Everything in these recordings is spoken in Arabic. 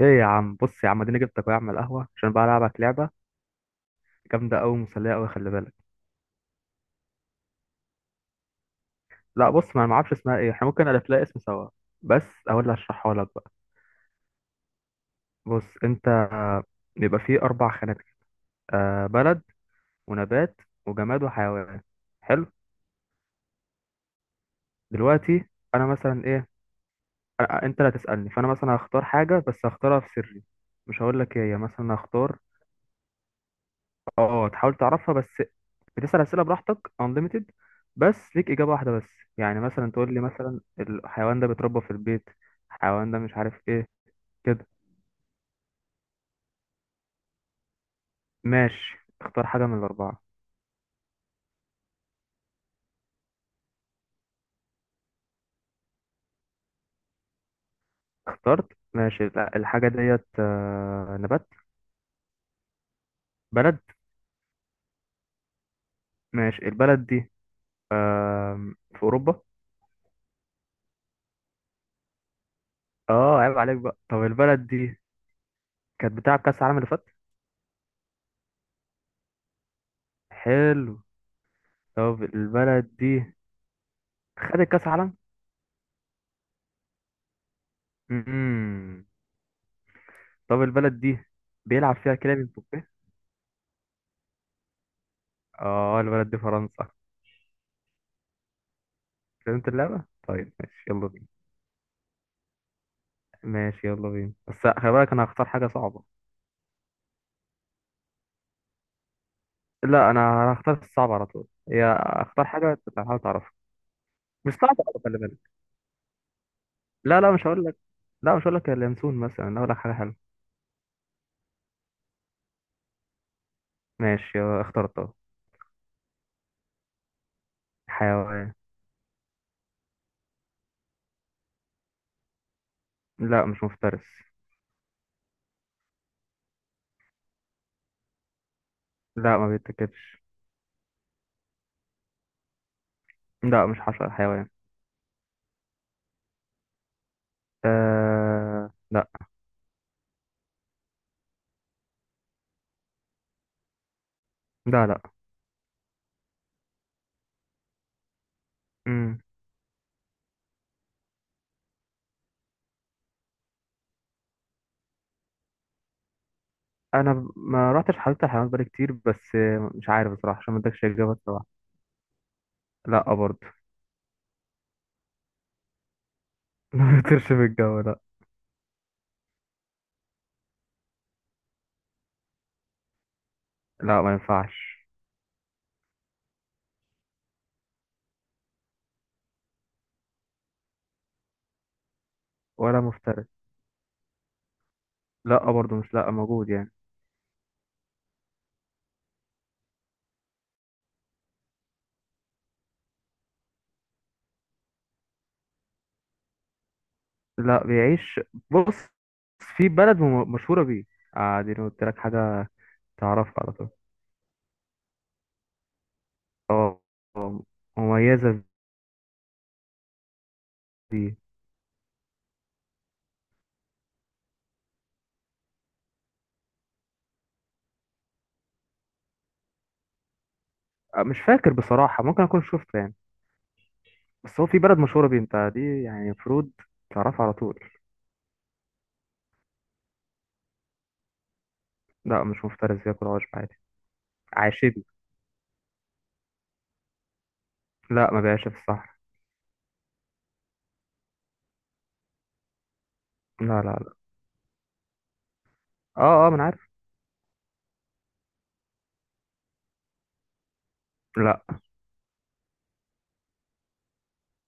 ايه يا عم، بص يا عم، اديني جبتك أهو يا عم القهوه عشان بقى العبك لعبه جامده قوي، مسليه قوي، خلي بالك. لا بص، ما انا ما اعرفش اسمها ايه، احنا ممكن الف لها اسم سوا بس. اقول اللي هشرحها لك بقى. بص انت، بيبقى فيه اربع خانات كده. بلد ونبات وجماد وحيوان. حلو. دلوقتي انا مثلا ايه، انت اللي هتسالني فانا مثلا هختار حاجه بس هختارها في سري. مش هقول لك ايه هي. مثلا هختار. اه تحاول تعرفها بس. بتسأل أسئلة براحتك unlimited. بس ليك إجابة واحدة بس. يعني مثلا تقول لي مثلا الحيوان ده بيتربى في البيت. الحيوان ده مش عارف ايه. كده. ماشي، اختار حاجة من الأربعة. اخترت. ماشي، لا الحاجة ديت نبات. بلد. ماشي، البلد دي في أوروبا. اه، عيب عليك بقى. طب البلد دي كانت بتلعب كأس العالم اللي فات. حلو. طب البلد دي خدت كأس عالم. طب البلد دي بيلعب فيها كيليان امبابي. اه، البلد دي فرنسا. فهمت اللعبة، طيب ماشي يلا بينا. ماشي يلا بينا، بس خلي بالك انا هختار حاجة صعبة. لا، انا هختار الصعب على طول، هي اختار حاجة أنت تحاول تعرفها. مش صعبة أوي، خلي بالك. لا لا، مش هقول لك. لا، مش هقول لك اليانسون مثلا، أنا هقول لك حاجة حلوة. ماشي، اخترتها. حيوان. لا، مش مفترس. لا، ما بيتاكلش. لا مش حشرة، حيوان. لا. لا لا. مم. انا ما رحتش حديقه الحيوانات بقالي كتير، بس مش عارف بصراحه عشان ما ادكش اجابه بصراحه. لا برضه. ما بيطيرش في الجو، لا. لا، ما ينفعش. ولا مفترس. لا برضه، مش لا موجود يعني. لا بيعيش. بص. في بلد مشهوره بيه. دي أنا قلت لك حاجه تعرفها على طول. اه. آه، مميزه بيه. مش فاكر بصراحه، ممكن اكون شفته يعني. بس هو في بلد مشهوره بيه انت، دي يعني المفروض تعرفها على طول. لا، مش مفترس، بياكل عشب عادي. عاشبي. لا، ما بيعيش في الصحراء. لا لا لا. اه اه، ما انا عارف. لا.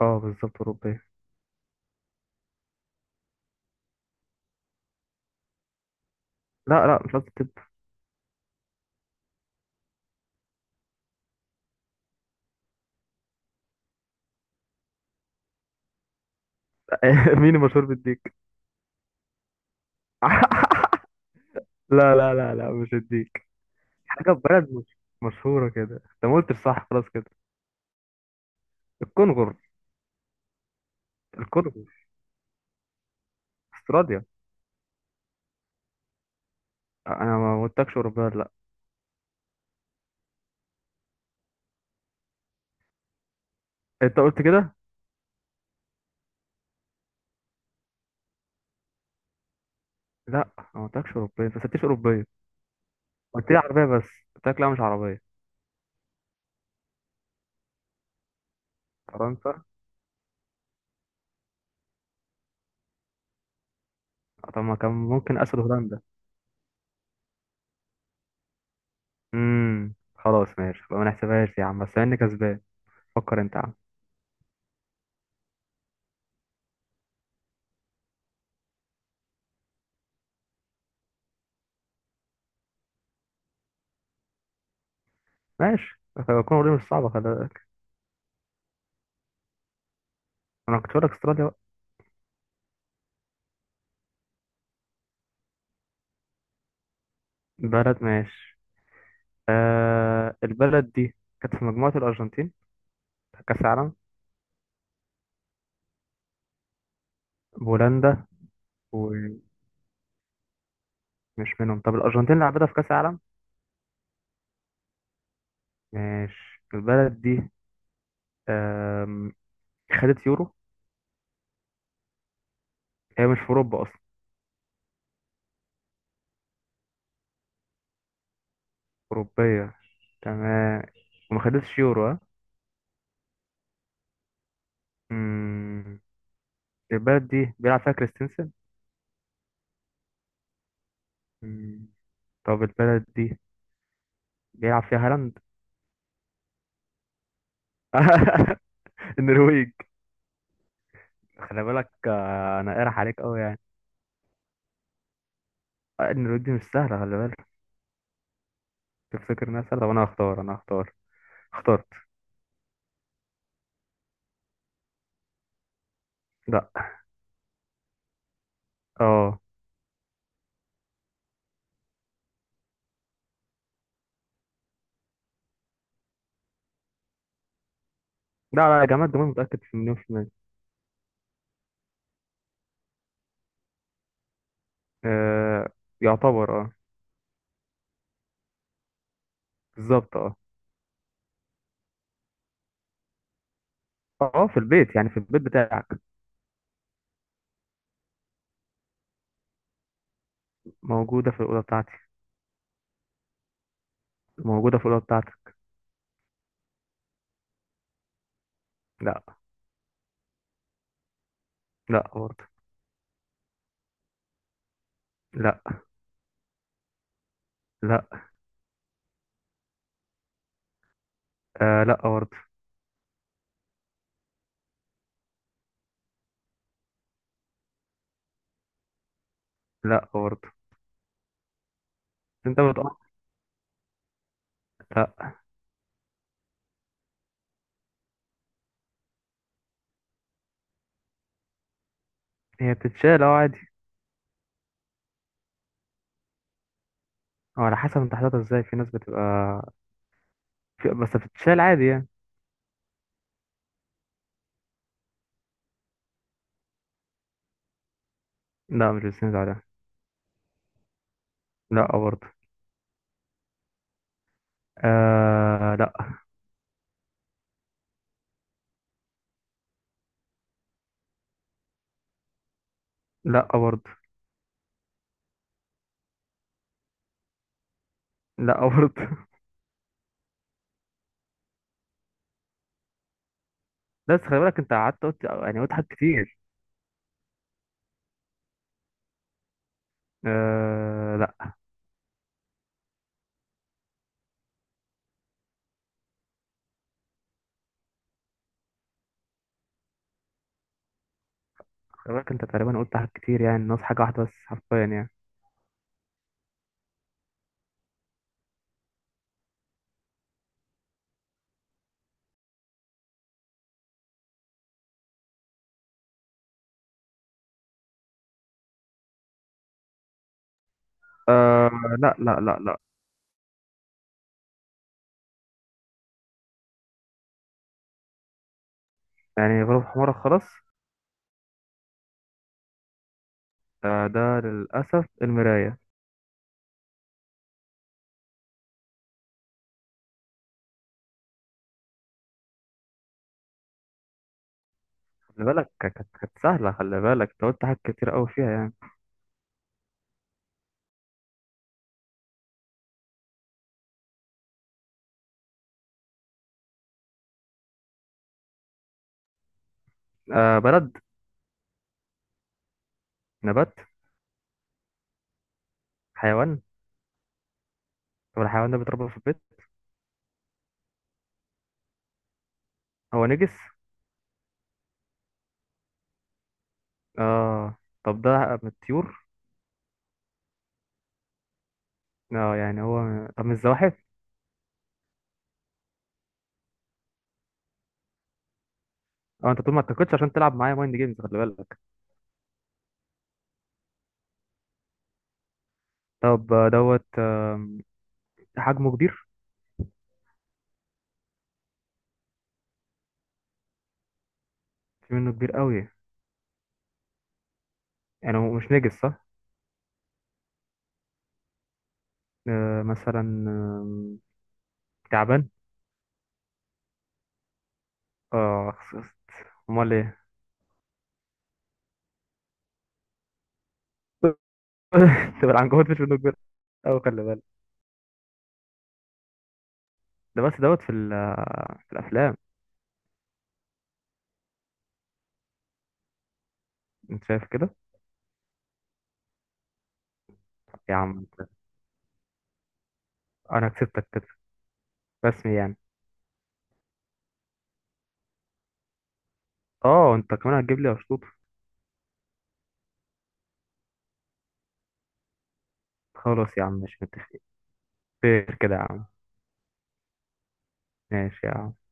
اه، بالظبط اوروبيه. لا لا، مش قصدي طب. مين المشهور بالديك؟ لا لا لا لا، مش الديك. حاجه في بلد مش مشهوره كده، انت ما قلتش صح، خلاص كده. الكونغر. الكونغر. استراليا. انا ما قلتلكش اوروبيه، ولا لا؟ انت قلت كده. لا، أنا ما قلتلكش اوروبيه، انت ما سالتنيش اوروبيه. قلت لي عربيه بس. قلت لك لا، مش عربيه. فرنسا. طب ما كان ممكن اسد هولندا. خلاص ماشي بقى، ما نحسبهاش يا عم، بس انا كسبان. فكر انت يا عم. ماشي. كونغو دي مش صعبة، خلي بالك. أنا كنت بقولك أستراليا بقى. بلد، ماشي. البلد دي كانت في مجموعة الأرجنتين بتاع كأس العالم. بولندا. ومش منهم. طب الأرجنتين لعبتها في كأس العالم. ماشي، البلد دي آم، خدت يورو؟ هي مش في أوروبا أصلا. أوروبية. تمام. وما خدتش يورو، ها؟ مم. البلد دي بيلعب فيها كريستنسن. مم. طب البلد دي بيلعب فيها هالاند. النرويج. خلي بالك، انا قارح عليك قوي يعني. ان الرود دي مش سهله، خلي بالك. تفتكر انها سهله؟ طب انا هختار انا هختار. اخترت. لا. اه. لا لا يا جماعه، الجمال متاكد في مليون في المية. آه يعتبر، اه. بالظبط، اه. اه، في البيت يعني في البيت بتاعك. موجوده في الاوضه بتاعتي. موجوده في الاوضه بتاعتك. لا. لا برضه. لا. لا. لا برضه. لا برضه. انت بتقطع. لا. هي بتتشال، اه، عادي. اه، على حسب انت حاططها ازاي، في ناس بتبقى بس بتتشال عادي يعني. لا، مش بتسند عليها. لا برضه. لا. لا برضه. لا برضه. بس خلي بالك انت قعدت قلت يعني قلت حاجات كتير. لا. خلي بالك انت تقريبا قلت حاجات كتير يعني، ناقص حاجة واحدة بس حرفيا يعني. آه. لا لا لا لا. يعني غروب حمارك خلاص. آه، ده للأسف المراية. خلي بالك كانت سهلة، خلي بالك انت قلت حاجات كتير قوي فيها يعني. بلد. نبات. حيوان. طب الحيوان ده بيتربى في البيت؟ هو نجس؟ اه. طب ده من الطيور؟ اه يعني، هو طب من الزواحف؟ اه انت طول ما اتكتش عشان تلعب معايا مايند جيمز، خلي بالك. طب دوت حجمه كبير؟ في منه كبير قوي. يعني هو مش نجس، صح؟ مثلا تعبان؟ اه، خسست. امال ايه؟ تبقى العنكبوت؟ مش منه كبير قوي، خلي بالك. ده بس دوت في الافلام. انت شايف كده؟ يا عم. انا كسبتك كده، رسمي يعني. اه انت كمان هتجيب لي اشطوط. خلاص يا عم، مش متفقين. خير كده يا عم. ماشي يا عم.